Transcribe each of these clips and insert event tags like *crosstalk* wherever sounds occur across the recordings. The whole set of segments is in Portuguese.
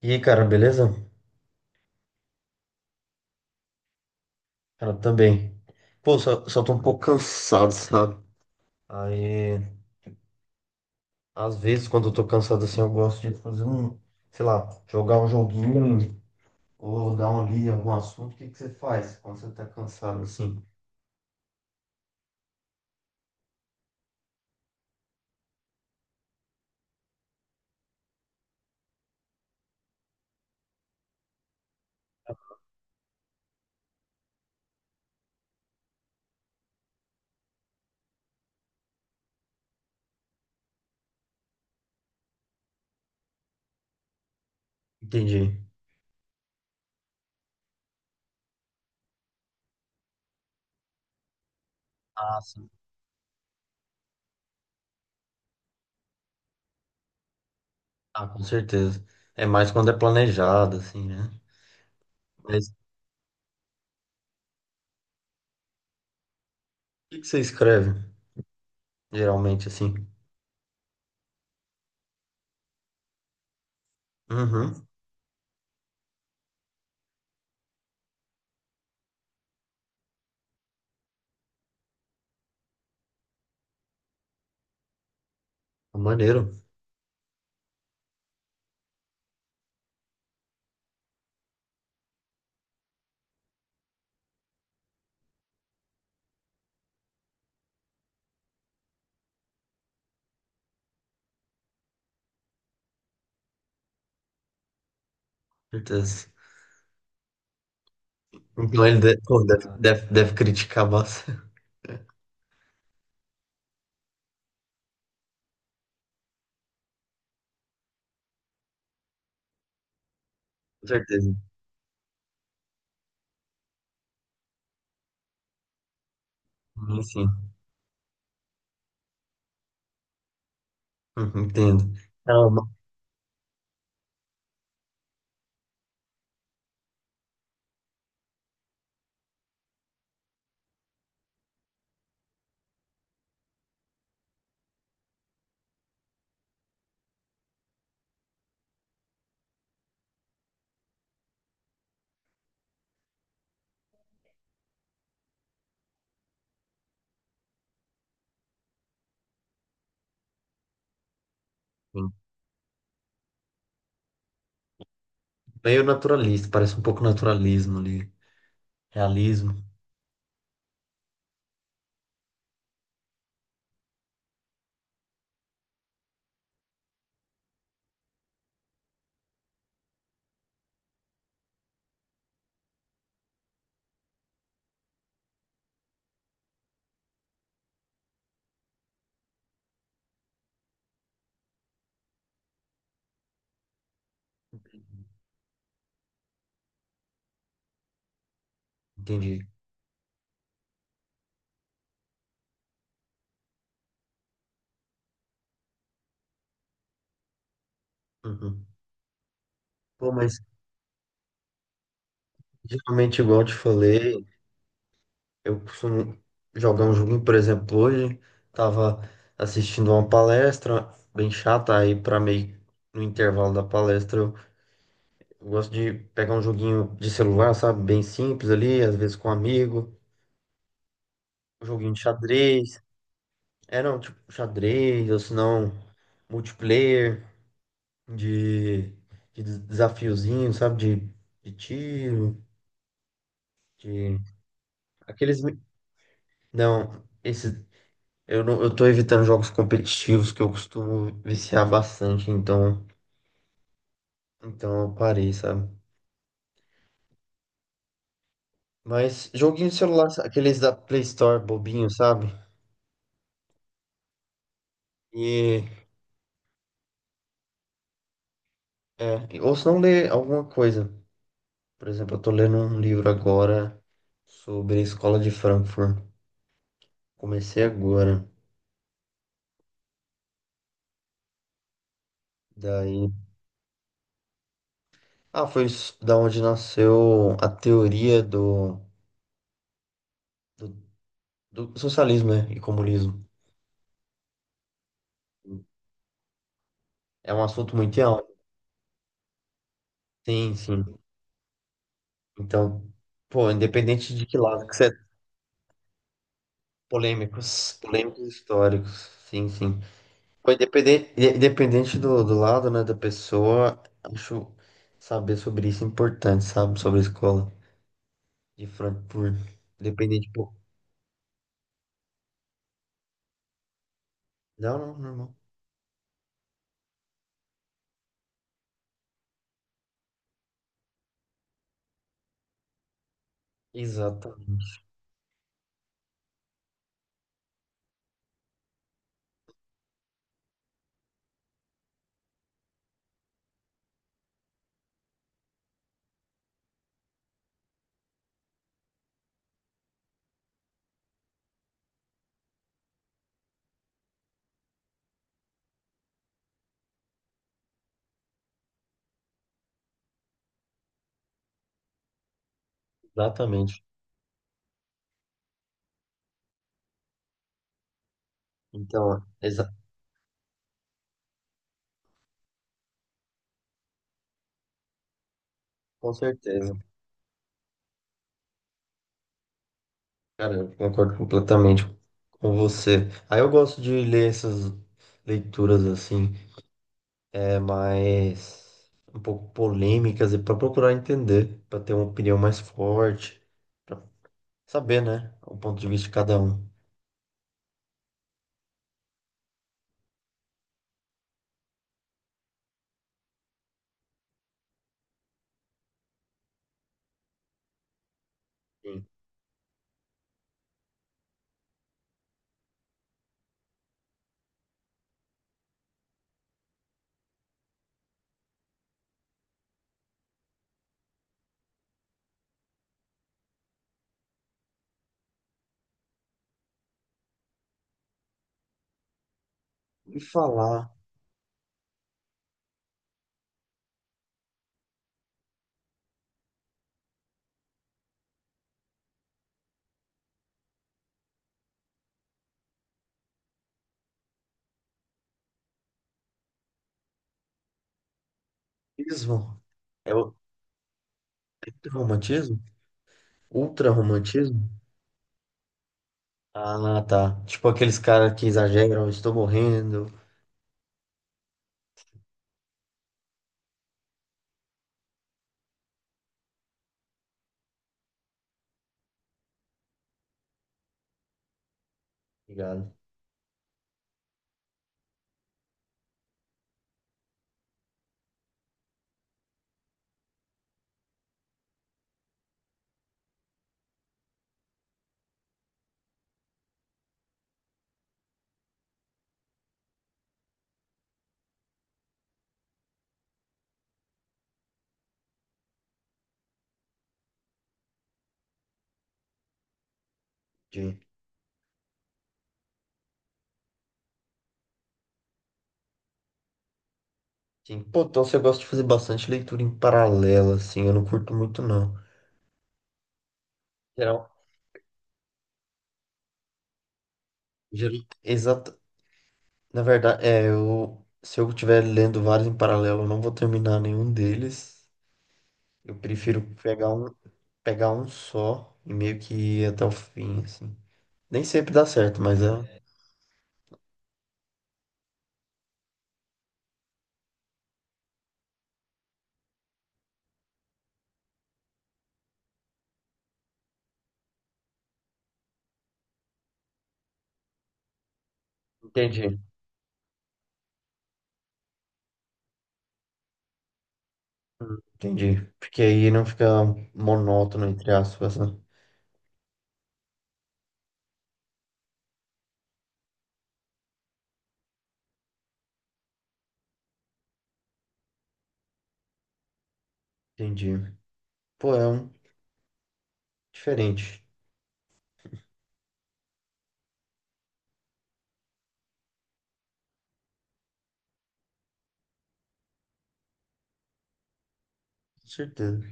E aí, cara, beleza? Cara, também. Pô, só tô um pouco cansado, sabe? Aí, às vezes, quando eu tô cansado assim, eu gosto de fazer um, sei lá, jogar um joguinho ou dar uma lida em algum assunto. O que que você faz quando você tá cansado assim? Entendi. Ah, sim. Ah, com certeza. É mais quando é planejado, assim, né? Mas o que que você escreve, geralmente, assim? Uhum. Maneiro, com certeza. Então ele deve, pô, deve criticar bastante. *laughs* Com certeza. Sim, sim. Uhum, entendo. É uma meio naturalista, parece um pouco naturalismo ali, realismo, entendi. Uhum. Pô, mas geralmente, igual eu te falei, eu costumo jogar um joguinho, por exemplo, hoje, tava assistindo uma palestra bem chata, aí pra meio no intervalo da palestra, eu gosto de pegar um joguinho de celular, sabe, bem simples ali, às vezes com um amigo, um joguinho de xadrez, é, não, tipo xadrez, ou se não, multiplayer. de, de desafiozinho, sabe? De tiro, de. Aqueles. Não, esse. Eu não, eu tô evitando jogos competitivos que eu costumo viciar bastante, então, então eu parei, sabe? Mas joguinho de celular, aqueles da Play Store bobinho, sabe? E é, ou se não ler alguma coisa. Por exemplo, eu tô lendo um livro agora sobre a Escola de Frankfurt. Comecei agora. Daí ah, da onde nasceu a teoria do, do, do socialismo, né, e comunismo. É um assunto muito amplo. Sim, sim. Então, pô, independente de que lado que você... é, polêmicos, polêmicos históricos. Sim, sim. Pô, independente, independente do, do lado, né, da pessoa, acho saber sobre isso é importante, sabe? Sobre a Escola de Frankfurt. Independente, pô. Não, não, normal. Exatamente, exatamente. Então, exa com certeza. Cara, eu concordo completamente com você. Aí eu gosto de ler essas leituras assim, é mais um pouco polêmicas e para procurar entender, para ter uma opinião mais forte, para saber, né, o ponto de vista de cada um. Sim. E falar, ismo, é o é romantismo? Ultra-romantismo? Ah, tá. Tipo aqueles caras que exageram, estou morrendo. Obrigado. Sim. Sim. Pô, então você gosta de fazer bastante leitura em paralelo, assim, eu não curto muito, não. Geral, exato. Na verdade, é, eu, se eu estiver lendo vários em paralelo, eu não vou terminar nenhum deles. Eu prefiro pegar um só e meio que ir até o fim, assim. Nem sempre dá certo, mas é. Entendi. Entendi. Porque aí não fica monótono, entre aspas, né? Entendi. Pô, é um diferente. Com certeza.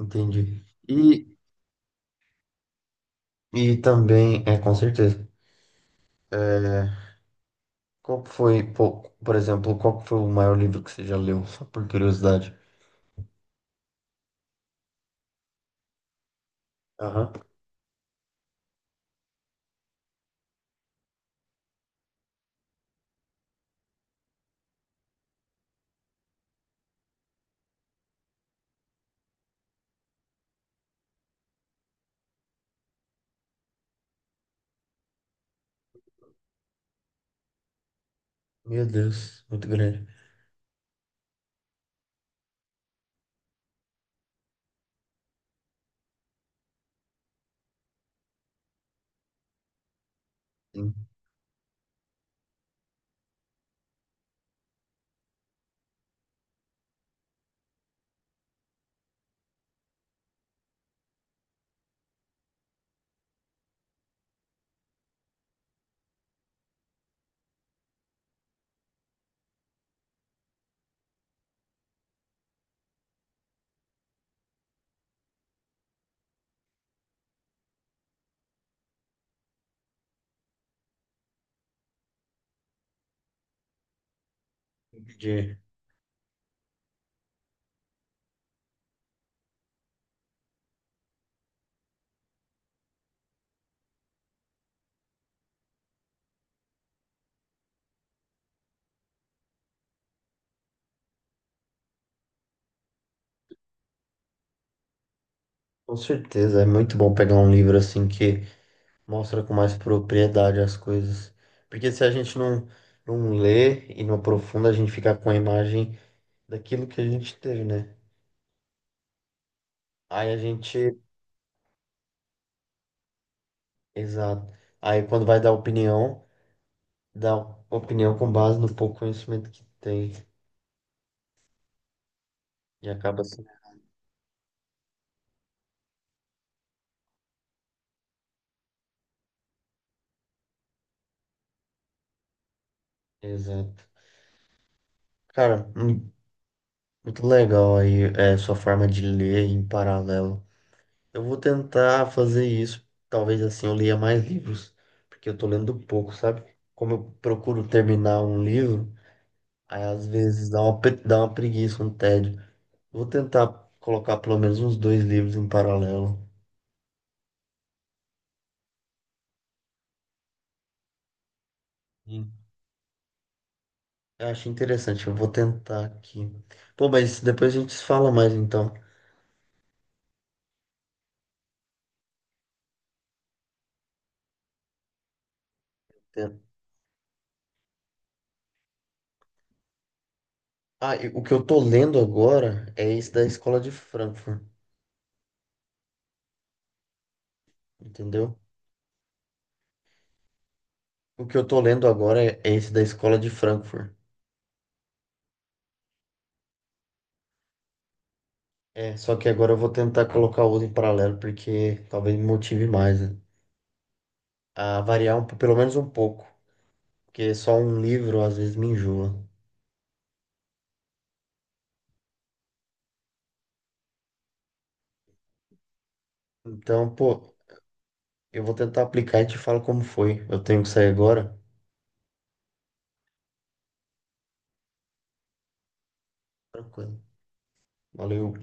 Entendi. E também, é, com certeza. É, qual que foi, pô, por exemplo, qual que foi o maior livro que você já leu, só por curiosidade? Aham. Meu Deus, muito grande. Sim. Entendi. Com certeza, é muito bom pegar um livro assim que mostra com mais propriedade as coisas. Porque se a gente não, não lê e não aprofunda, a gente fica com a imagem daquilo que a gente teve, né? Aí a gente. Exato. Aí quando vai dar opinião, dá opinião com base no pouco conhecimento que tem. E acaba assim. Exato. Cara, muito legal aí, é, sua forma de ler em paralelo. Eu vou tentar fazer isso. Talvez assim eu leia mais livros, porque eu tô lendo pouco, sabe? Como eu procuro terminar um livro, aí às vezes dá uma, dá uma preguiça, um tédio. Vou tentar colocar pelo menos uns dois livros em paralelo. Hum. Eu acho interessante, eu vou tentar aqui. Pô, mas depois a gente se fala mais então. Tem- ah, e o que eu tô lendo agora é esse da Escola de Frankfurt, entendeu? O que eu tô lendo agora é esse da Escola de Frankfurt. É, só que agora eu vou tentar colocar o outro em paralelo, porque talvez me motive mais, né? A variar um, pelo menos um pouco, porque só um livro às vezes me enjoa. Então, pô, eu vou tentar aplicar e te falo como foi. Eu tenho que sair agora. Tranquilo. Valeu.